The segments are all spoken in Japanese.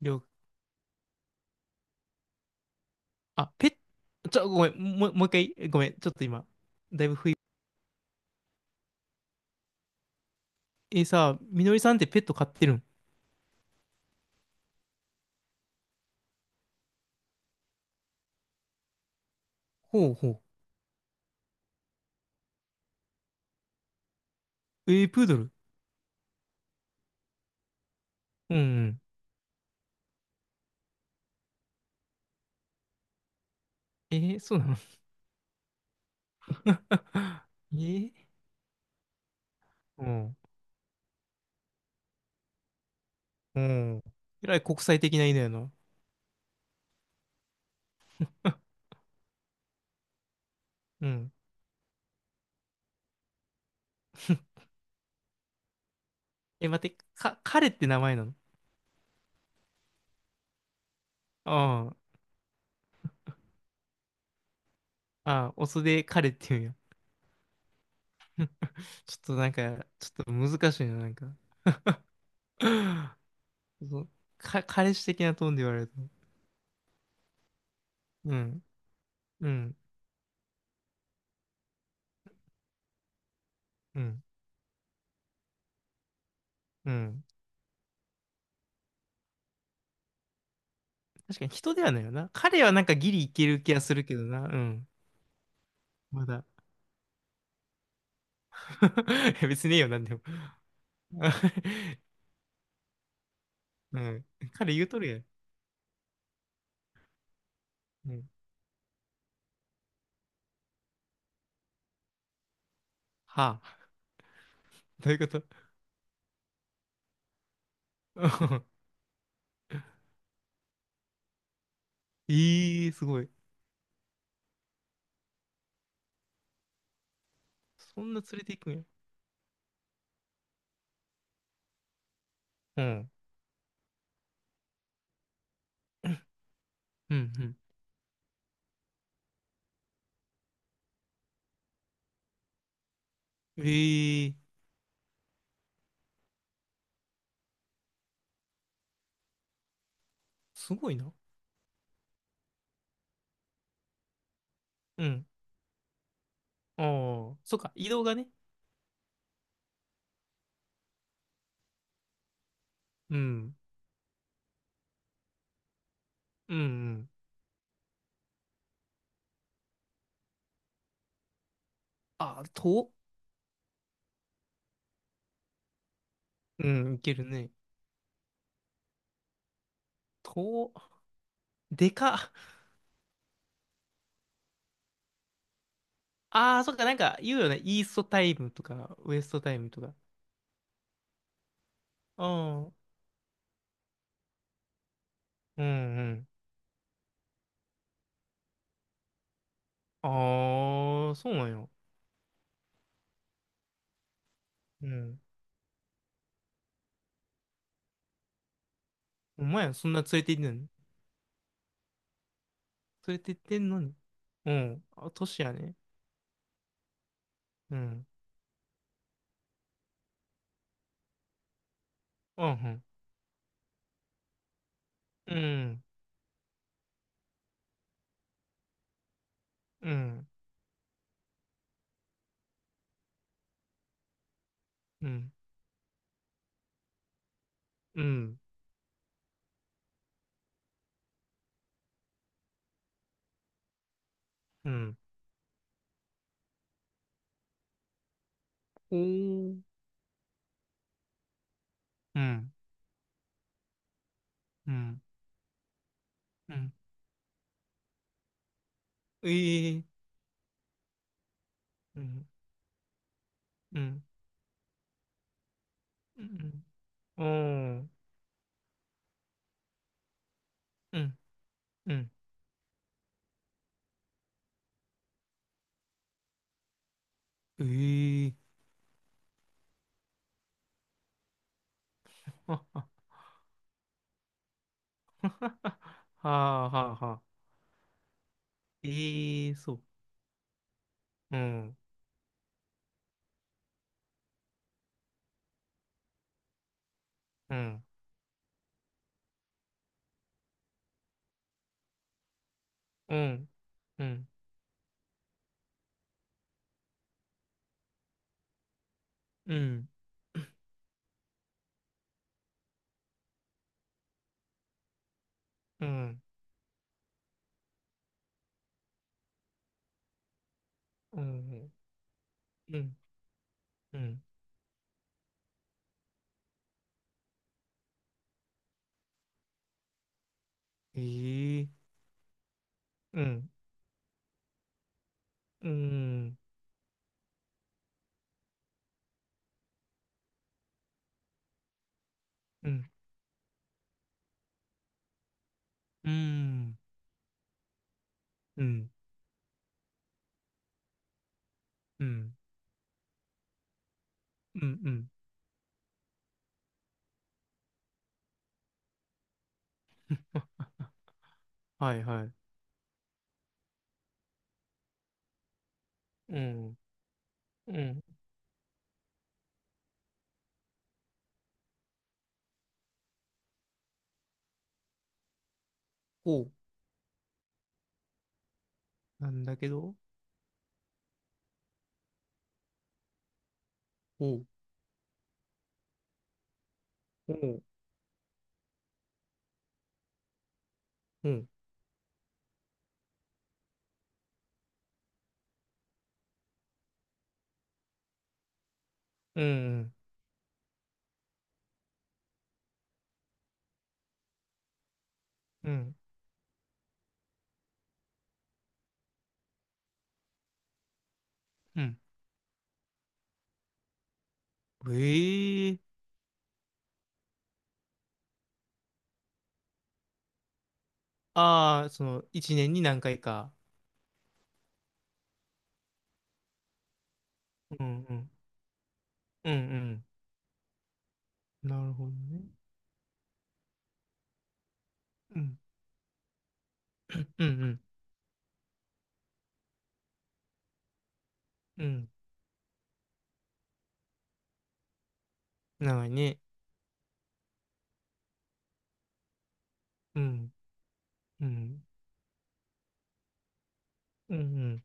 りょう、あ、ペッ、ちょ、ごめん、もう一回、ごめん、ちょっと今、だいぶ不意。さ、みのりさんってペット飼ってるん？ほうほう。えープードル。うんうん。えーそうなの？ えー。うん。うん。えらい国際的な犬やな。うん。え、待って、彼って名前なの？ああ、ああ、オスで彼って言うんや。ちょっとなんか、ちょっと難しいな、なんか。そう、彼氏的なトーンで言われると。うん、うん、うん、うん。確かに人ではないよな。彼はなんかギリいける気がするけどな。うん。まだ。いや別にいいよ、なんでも。うん。彼言うとるやん。うん。はあ。どういうこと？ ええー、すごい。そんな連れていくんや。うん。うん、うん。ええー、すごいな。うん。ああ、そっか、移動がね。うん。うん、うん。ああ、遠。うん、いけるね。遠。でか。ああ、そっか、なんか言うよね。イーストタイムとか、ウエストタイムとか。ああ、うんうん。ああ、そうなんや。うん。お前そんな連れて行ってんの？連れて行ってんのに。うん。あ、年やね。うん。うん。うん。うん。うん。うん。うん。おー。うん。うん。うん。ええ。うん。うん。うん。うん。うん。うん。ええ。あ、あ、はあ、はあ、はあ。ええ、そう。うん。うん。うん。うん。うん。うん。うん。うん、うん、ええ、うん、うん、うん、うん、うん、うん、うん、うん、あ、はいはい、うん、うん、おう、なんだけど、おう、おう、うん、うん、うん、うん、ええ、ああ、その、一年に何回か。うん、うん、うん、うん、なるほどね。うん、うん、うん、うん、長いね。うん、うん、うん、うん、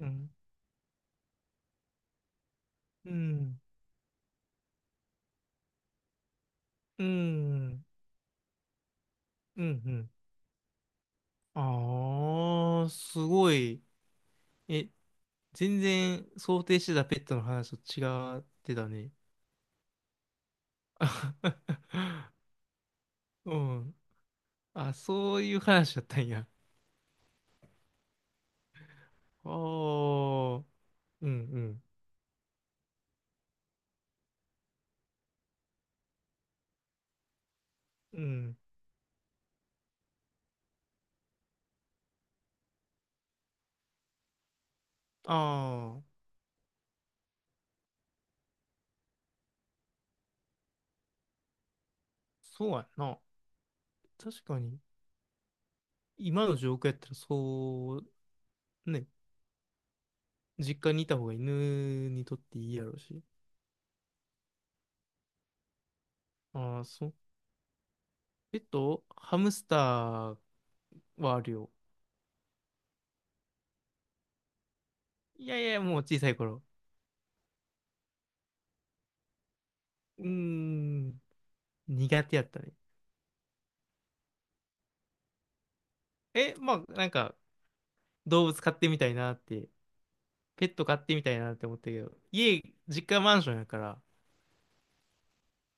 うん、うん、うん、うん、うん、うん、ああ、すごい。え、全然想定してたペットの話と違ってたね。うん。あ、そういう話だったんや。ああ、うんうん。うん。ああ、そうやな。確かに、今の状況やったらそう、ね、実家にいた方が犬にとっていいやろうし。ああ、そう。ペット、ハムスターはあるよ。いやいや、もう小さい頃。うーん。苦手やったね。まあ、なんか、動物飼ってみたいなって、ペット飼ってみたいなって思ったけど、家、実家マンションやから、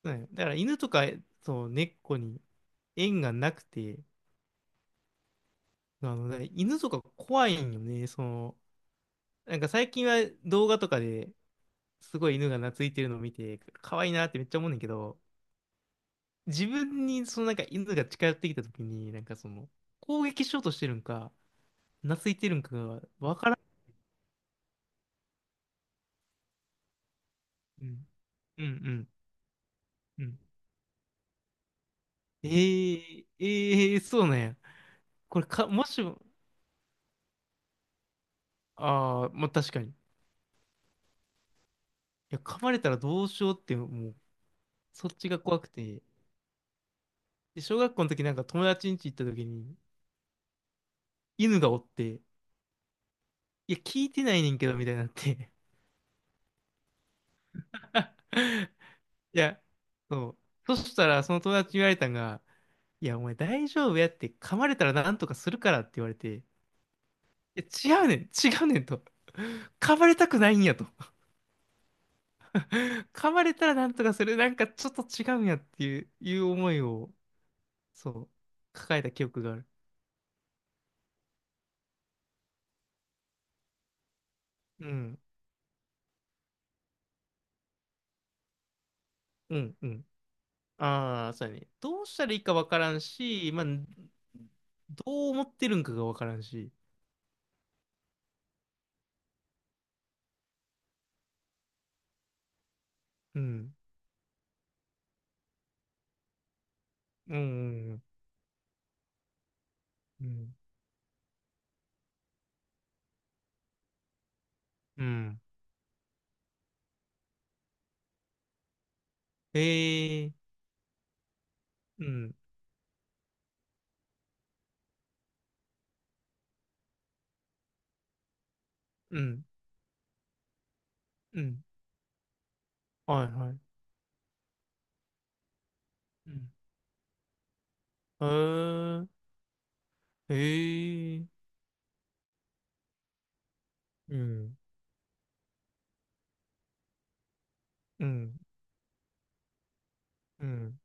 ね、だから犬とか、そう、猫に縁がなくて、あの、ね、犬とか怖いんよね、その、なんか最近は動画とかですごい犬が懐いてるのを見て、可愛いなってめっちゃ思うねんだけど、自分にそのなんか犬が近寄ってきた時に、なんかその、攻撃しようとしてるんか、懐いてるんかがわからん。うん、うん、うん。うんええええそうなんや。これか、もしも、ああ、まあ確かに。いや、噛まれたらどうしようって、もう、そっちが怖くて。で、小学校の時なんか友達ん家行った時に、犬がおって、いや、聞いてないねんけど、みたいになって。いや、そう。そしたら、その友達に言われたんが、いや、お前大丈夫やって、噛まれたらなんとかするからって言われて、いや、違うねん、違うねんと。噛まれたくないんやと。噛まれたらなんとかする。なんかちょっと違うんやっていう、いう思いを、そう、抱えた記憶がある。うん、うん、うん。ああ、そうやね。どうしたらいいかわからんし、まあ、どう思ってるんかがわからんし。うん、うん、うん、うん。うん。ええー、うん、うん、うん。はいはい。うん。へえ、へえ、うん、うん、うん、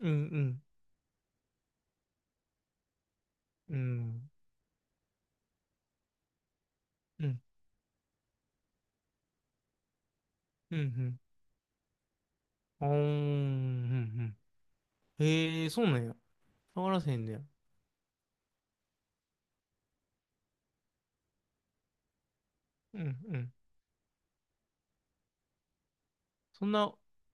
うん、うん、うん、うん、うん、うん、うん、うん、あー、うん、うん、うん。へえ、そうなんや。触らせへんねや。うん、うん。そんな、